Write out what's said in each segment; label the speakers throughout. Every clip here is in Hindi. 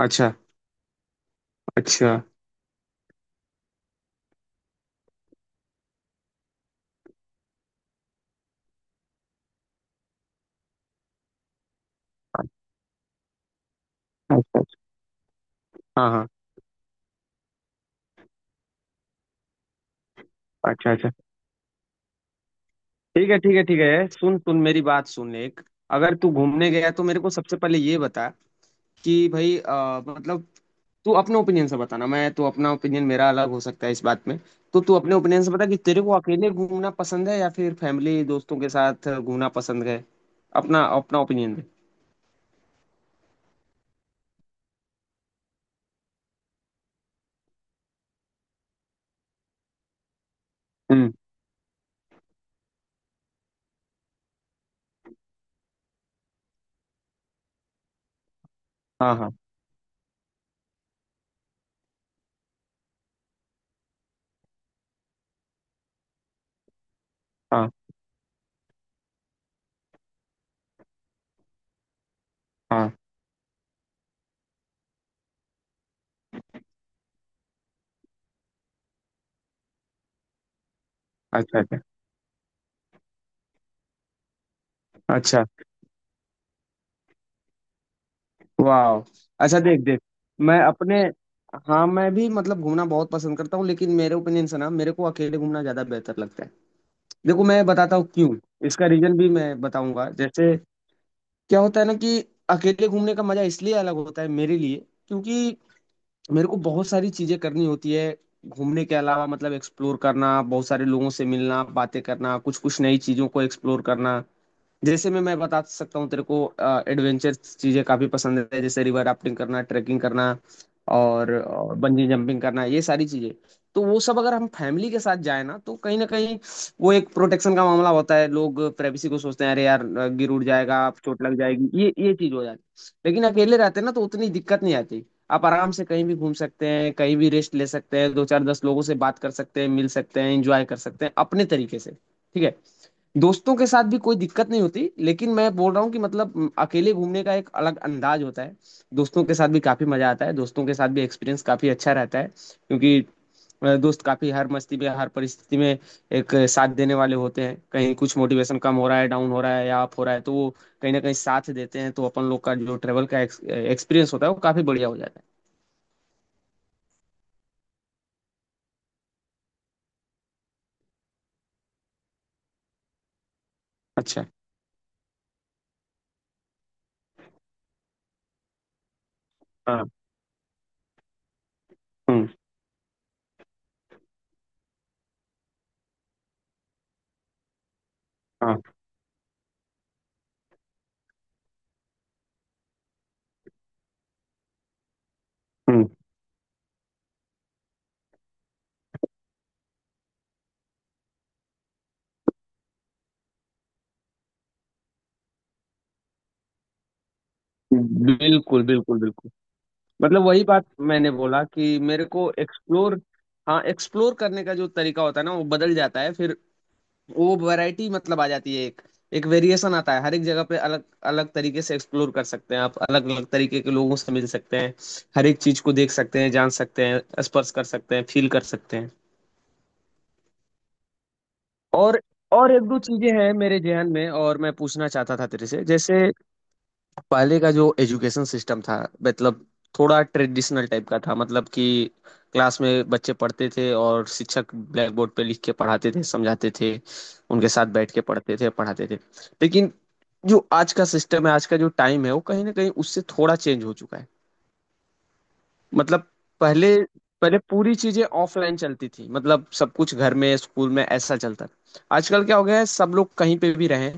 Speaker 1: अच्छा। अच्छा। अच्छा। हाँ हाँ। अच्छा अच्छा। ठीक है, ठीक है, ठीक है। सुन सुन मेरी बात सुन। एक, अगर तू घूमने गया तो मेरे को सबसे पहले ये बता कि भाई, मतलब तू अपने ओपिनियन से बताना। मैं तो अपना ओपिनियन, मेरा अलग हो सकता है इस बात में। तो तू अपने ओपिनियन से बता कि तेरे को अकेले घूमना पसंद है या फिर फैमिली दोस्तों के साथ घूमना पसंद है। अपना अपना ओपिनियन दे। हम्म। हाँ हाँ। हाँ हाँ। अच्छा अच्छा। अच्छा। वाह। अच्छा, देख देख। मैं अपने, हाँ मैं भी मतलब घूमना बहुत पसंद करता हूँ, लेकिन मेरे ओपिनियन से ना मेरे को अकेले घूमना ज्यादा बेहतर लगता है। देखो मैं बताता हूँ क्यों। इसका रीजन भी मैं बताऊंगा। जैसे क्या होता है ना कि अकेले घूमने का मजा इसलिए अलग होता है मेरे लिए, क्योंकि मेरे को बहुत सारी चीजें करनी होती है घूमने के अलावा। मतलब एक्सप्लोर करना, बहुत सारे लोगों से मिलना, बातें करना, कुछ कुछ नई चीजों को एक्सप्लोर करना। जैसे मैं बता सकता हूँ तेरे को, एडवेंचर चीजें काफी पसंद है, जैसे रिवर राफ्टिंग करना, ट्रैकिंग करना और बंजी जंपिंग करना, ये सारी चीजें। तो वो सब अगर हम फैमिली के साथ जाए ना, तो कहीं ना कहीं वो एक प्रोटेक्शन का मामला होता है। लोग प्राइवेसी को सोचते हैं, अरे यार गिर उड़ जाएगा, चोट लग जाएगी, ये चीज हो जाती है। लेकिन अकेले रहते हैं ना तो उतनी दिक्कत नहीं आती। आप आराम से कहीं भी घूम सकते हैं, कहीं भी रेस्ट ले सकते हैं, दो चार दस लोगों से बात कर सकते हैं, मिल सकते हैं, एंजॉय कर सकते हैं अपने तरीके से, ठीक है। दोस्तों के साथ भी कोई दिक्कत नहीं होती, लेकिन मैं बोल रहा हूँ कि मतलब अकेले घूमने का एक अलग अंदाज होता है। दोस्तों के साथ भी काफी मजा आता है, दोस्तों के साथ भी एक्सपीरियंस काफी अच्छा रहता है, क्योंकि दोस्त काफी हर मस्ती में, हर परिस्थिति में एक साथ देने वाले होते हैं। कहीं कुछ मोटिवेशन कम हो रहा है, डाउन हो रहा है या अप हो रहा है, तो वो कहीं ना कहीं साथ देते हैं। तो अपन लोग का जो ट्रेवल का एक्सपीरियंस होता है वो काफी बढ़िया हो जाता है। अच्छा। हाँ। हम्म। हाँ। हम्म। बिल्कुल बिल्कुल बिल्कुल। मतलब वही बात। मैंने बोला कि मेरे को एक्सप्लोर, हाँ एक्सप्लोर करने का जो तरीका होता है ना वो बदल जाता है फिर। वो वैरायटी मतलब आ जाती है। एक एक वेरिएशन आता है। हर एक जगह पे अलग अलग तरीके से एक्सप्लोर कर सकते हैं आप। अलग अलग तरीके के लोगों से मिल सकते हैं, हर एक चीज को देख सकते हैं, जान सकते हैं, स्पर्श कर सकते हैं, फील कर सकते हैं। और और एक दो चीजें हैं मेरे जहन में और मैं पूछना चाहता था तेरे से। जैसे पहले का जो एजुकेशन सिस्टम था, मतलब थोड़ा ट्रेडिशनल टाइप का था। मतलब कि क्लास में बच्चे पढ़ते थे और शिक्षक ब्लैक बोर्ड पे लिख के पढ़ाते थे, समझाते थे, उनके साथ बैठ के पढ़ते थे, पढ़ाते थे। लेकिन जो आज का सिस्टम है, आज का जो टाइम है, वो कहीं ना कहीं उससे थोड़ा चेंज हो चुका है। मतलब पहले पहले पूरी चीजें ऑफलाइन चलती थी। मतलब सब कुछ घर में, स्कूल में ऐसा चलता था। आजकल क्या हो गया है, सब लोग कहीं पे भी रहें,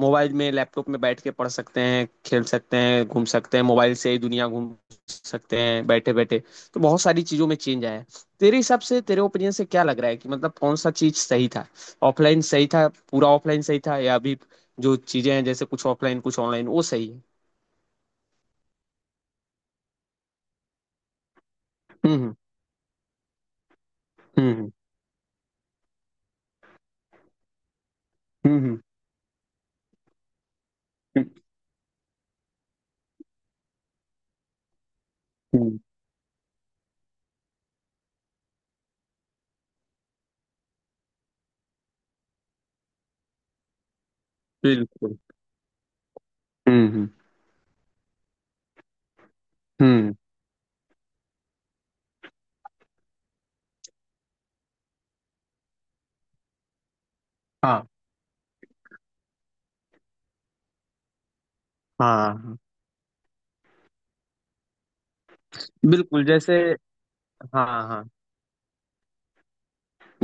Speaker 1: मोबाइल में लैपटॉप में बैठ के पढ़ सकते हैं, खेल सकते हैं, घूम सकते हैं, मोबाइल से ही दुनिया घूम सकते हैं बैठे बैठे। तो बहुत सारी चीजों में चेंज आया है। तेरे हिसाब से, तेरे ओपिनियन से क्या लग रहा है कि मतलब कौन सा चीज सही था? ऑफलाइन सही था, पूरा ऑफलाइन सही था, या अभी जो चीजें हैं जैसे कुछ ऑफलाइन कुछ ऑनलाइन वो सही है? हम्म हम्म। हम्म। हम्म, हम्म, बिल्कुल। हम्म। हम्म, हाँ हाँ। बिल्कुल। जैसे हाँ हाँ,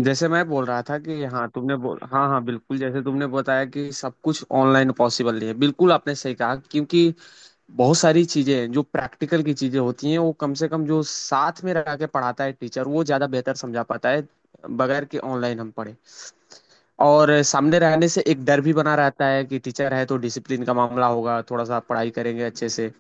Speaker 1: जैसे मैं बोल रहा था कि हाँ तुमने बोल, हाँ हाँ बिल्कुल, जैसे तुमने बताया कि सब कुछ ऑनलाइन पॉसिबल नहीं है, बिल्कुल आपने सही कहा, क्योंकि बहुत सारी चीजें हैं जो प्रैक्टिकल की चीजें होती हैं, वो कम से कम जो साथ में रह के पढ़ाता है टीचर वो ज्यादा बेहतर समझा पाता है बगैर कि ऑनलाइन हम पढ़े। और सामने रहने से एक डर भी बना रहता है कि टीचर है तो डिसिप्लिन का मामला होगा, थोड़ा सा पढ़ाई करेंगे अच्छे से,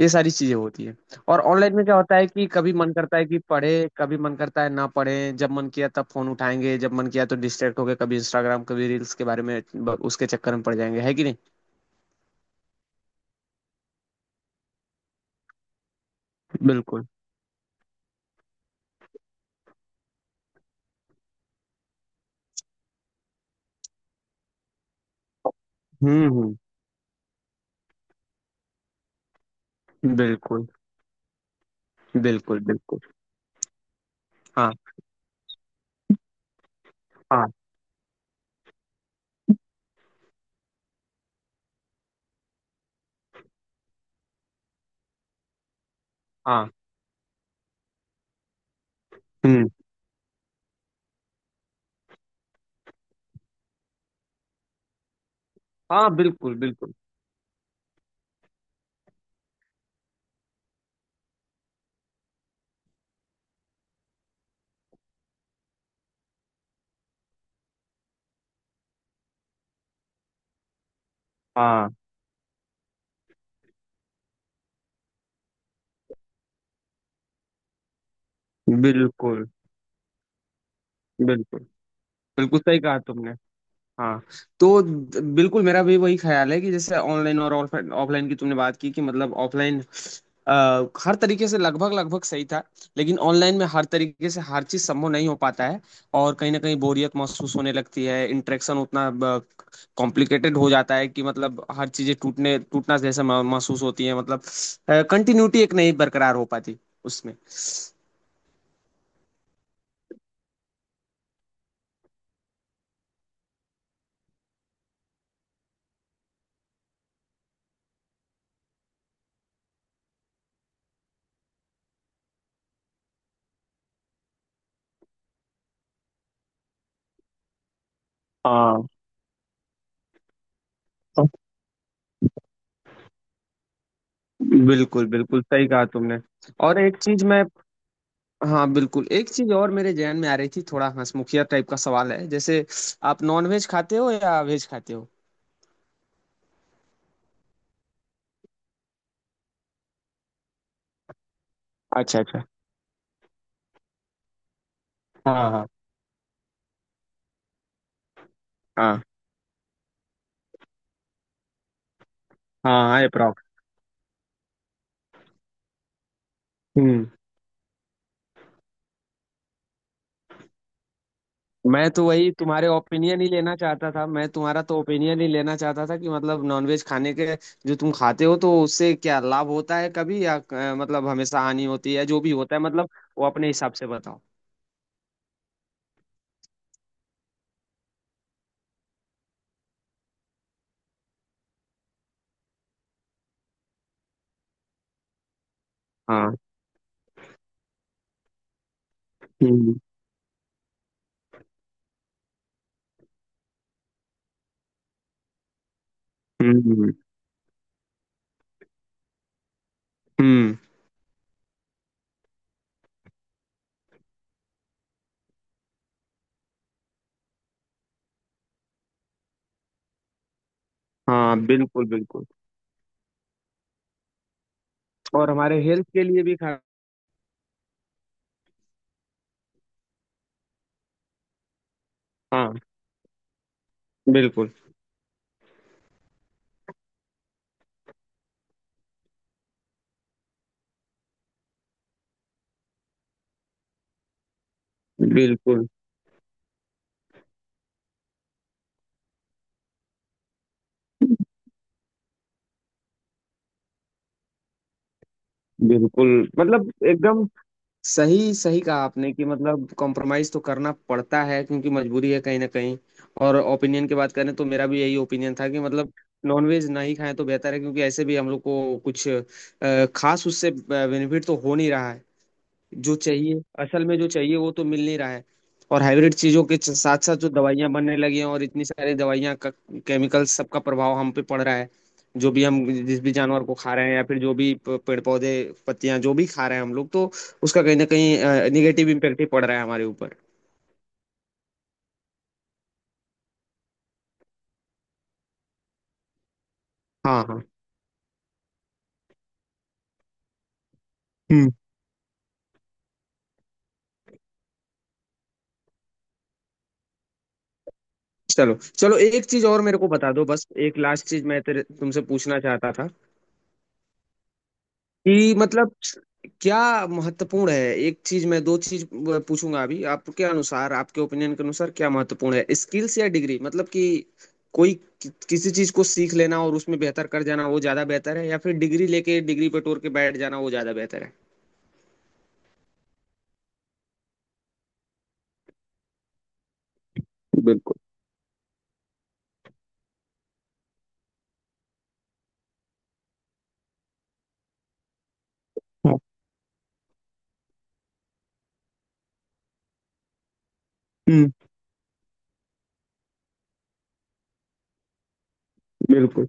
Speaker 1: ये सारी चीजें होती है। और ऑनलाइन में क्या होता है कि कभी मन करता है कि पढ़े, कभी मन करता है ना पढ़े, जब मन किया तब फोन उठाएंगे, जब मन किया तो डिस्ट्रैक्ट होके कभी इंस्टाग्राम कभी रील्स के बारे में उसके चक्कर में पड़ जाएंगे, है कि नहीं? बिल्कुल। हम्म। बिल्कुल बिल्कुल बिल्कुल। हाँ हाँ। हाँ। हम्म। हाँ। बिल्कुल बिल्कुल। हाँ। बिल्कुल बिल्कुल बिल्कुल सही कहा तुमने। हाँ। तो बिल्कुल मेरा भी वही ख्याल है कि जैसे ऑनलाइन और ऑफलाइन की तुमने बात की कि मतलब ऑफलाइन हर तरीके से लगभग लगभग सही था, लेकिन ऑनलाइन में हर तरीके से हर चीज संभव नहीं हो पाता है। और कहीं ना कहीं बोरियत महसूस होने लगती है, इंटरेक्शन उतना कॉम्प्लिकेटेड हो जाता है कि मतलब हर चीजें टूटने महसूस होती है। मतलब कंटिन्यूटी एक नहीं बरकरार हो पाती उसमें। हाँ बिल्कुल बिल्कुल सही कहा तुमने। और एक चीज मैं, हाँ बिल्कुल एक चीज और मेरे जहन में आ रही थी। थोड़ा हंसमुखिया टाइप का सवाल है, जैसे आप नॉन वेज खाते हो या वेज खाते हो? अच्छा अच्छा। हाँ हाँ। हाँ। हाँ हाँ। अप्रोक्स। मैं तो वही तुम्हारे ओपिनियन ही लेना चाहता था, मैं तुम्हारा तो ओपिनियन ही लेना चाहता था कि मतलब नॉनवेज खाने के, जो तुम खाते हो, तो उससे क्या लाभ होता है कभी, या मतलब हमेशा हानि होती है, जो भी होता है मतलब वो अपने हिसाब से बताओ। हाँ। हम्म हम्म। हम्म। हाँ बिल्कुल बिल्कुल। और हमारे हेल्थ के लिए भी खा, हाँ बिल्कुल बिल्कुल बिल्कुल। मतलब एकदम सही सही कहा आपने कि मतलब कॉम्प्रोमाइज तो करना पड़ता है, क्योंकि मजबूरी है कहीं ना कहीं। और ओपिनियन की बात करें तो मेरा भी यही ओपिनियन था कि मतलब नॉनवेज ना ही खाएं तो बेहतर है, क्योंकि ऐसे भी हम लोग को कुछ खास उससे बेनिफिट तो हो नहीं रहा है। जो चाहिए, असल में जो चाहिए वो तो मिल नहीं रहा है। और हाइब्रिड चीजों के साथ साथ जो दवाइयां बनने लगी हैं और इतनी सारी दवाइयां का केमिकल, सबका प्रभाव हम पे पड़ रहा है। जो भी हम, जिस भी जानवर को खा रहे हैं या फिर जो भी पेड़ पौधे पत्तियां जो भी खा रहे हैं हम लोग, तो उसका कहीं ना कहीं निगेटिव इम्पेक्ट ही पड़ रहा है हमारे ऊपर। हाँ हाँ। हम्म। चलो। चलो एक चीज और मेरे को बता दो, बस एक लास्ट चीज मैं तेरे तुमसे पूछना चाहता था कि मतलब क्या महत्वपूर्ण है। एक चीज, मैं दो चीज पूछूंगा अभी। आपके अनुसार, आपके ओपिनियन के अनुसार क्या महत्वपूर्ण है, स्किल्स या डिग्री? मतलब कि कोई किसी चीज को सीख लेना और उसमें बेहतर कर जाना वो ज्यादा बेहतर है, या फिर डिग्री लेके डिग्री पे टोर के बैठ जाना वो ज्यादा बेहतर है? बिल्कुल। हाँ। हम्म। बिल्कुल।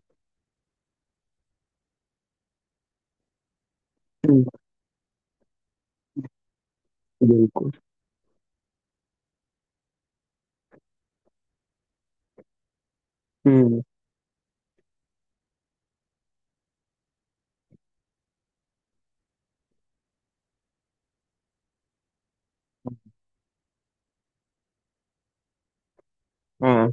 Speaker 1: हम्म। बिल्कुल। हम्म। हाँ।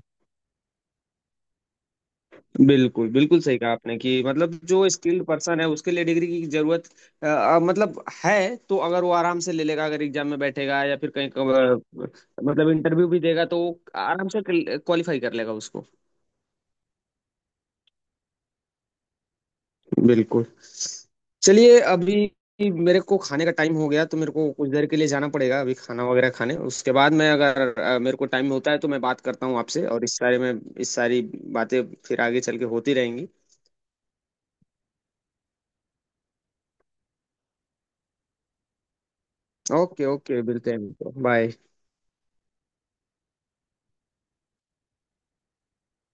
Speaker 1: बिल्कुल बिल्कुल सही कहा आपने कि मतलब जो स्किल्ड पर्सन है उसके लिए डिग्री की जरूरत, मतलब है तो अगर वो आराम से ले लेगा, अगर एग्जाम में बैठेगा या फिर कहीं मतलब इंटरव्यू भी देगा तो वो आराम से क्वालिफाई कर लेगा उसको। बिल्कुल। चलिए, अभी मेरे को खाने का टाइम हो गया तो मेरे को कुछ देर के लिए जाना पड़ेगा, अभी खाना वगैरह खाने। उसके बाद मैं अगर मेरे को टाइम होता है तो मैं बात करता हूँ आपसे और इस बारे में। इस सारी बातें फिर आगे चल के होती रहेंगी। ओके ओके, मिलते हैं, बाय।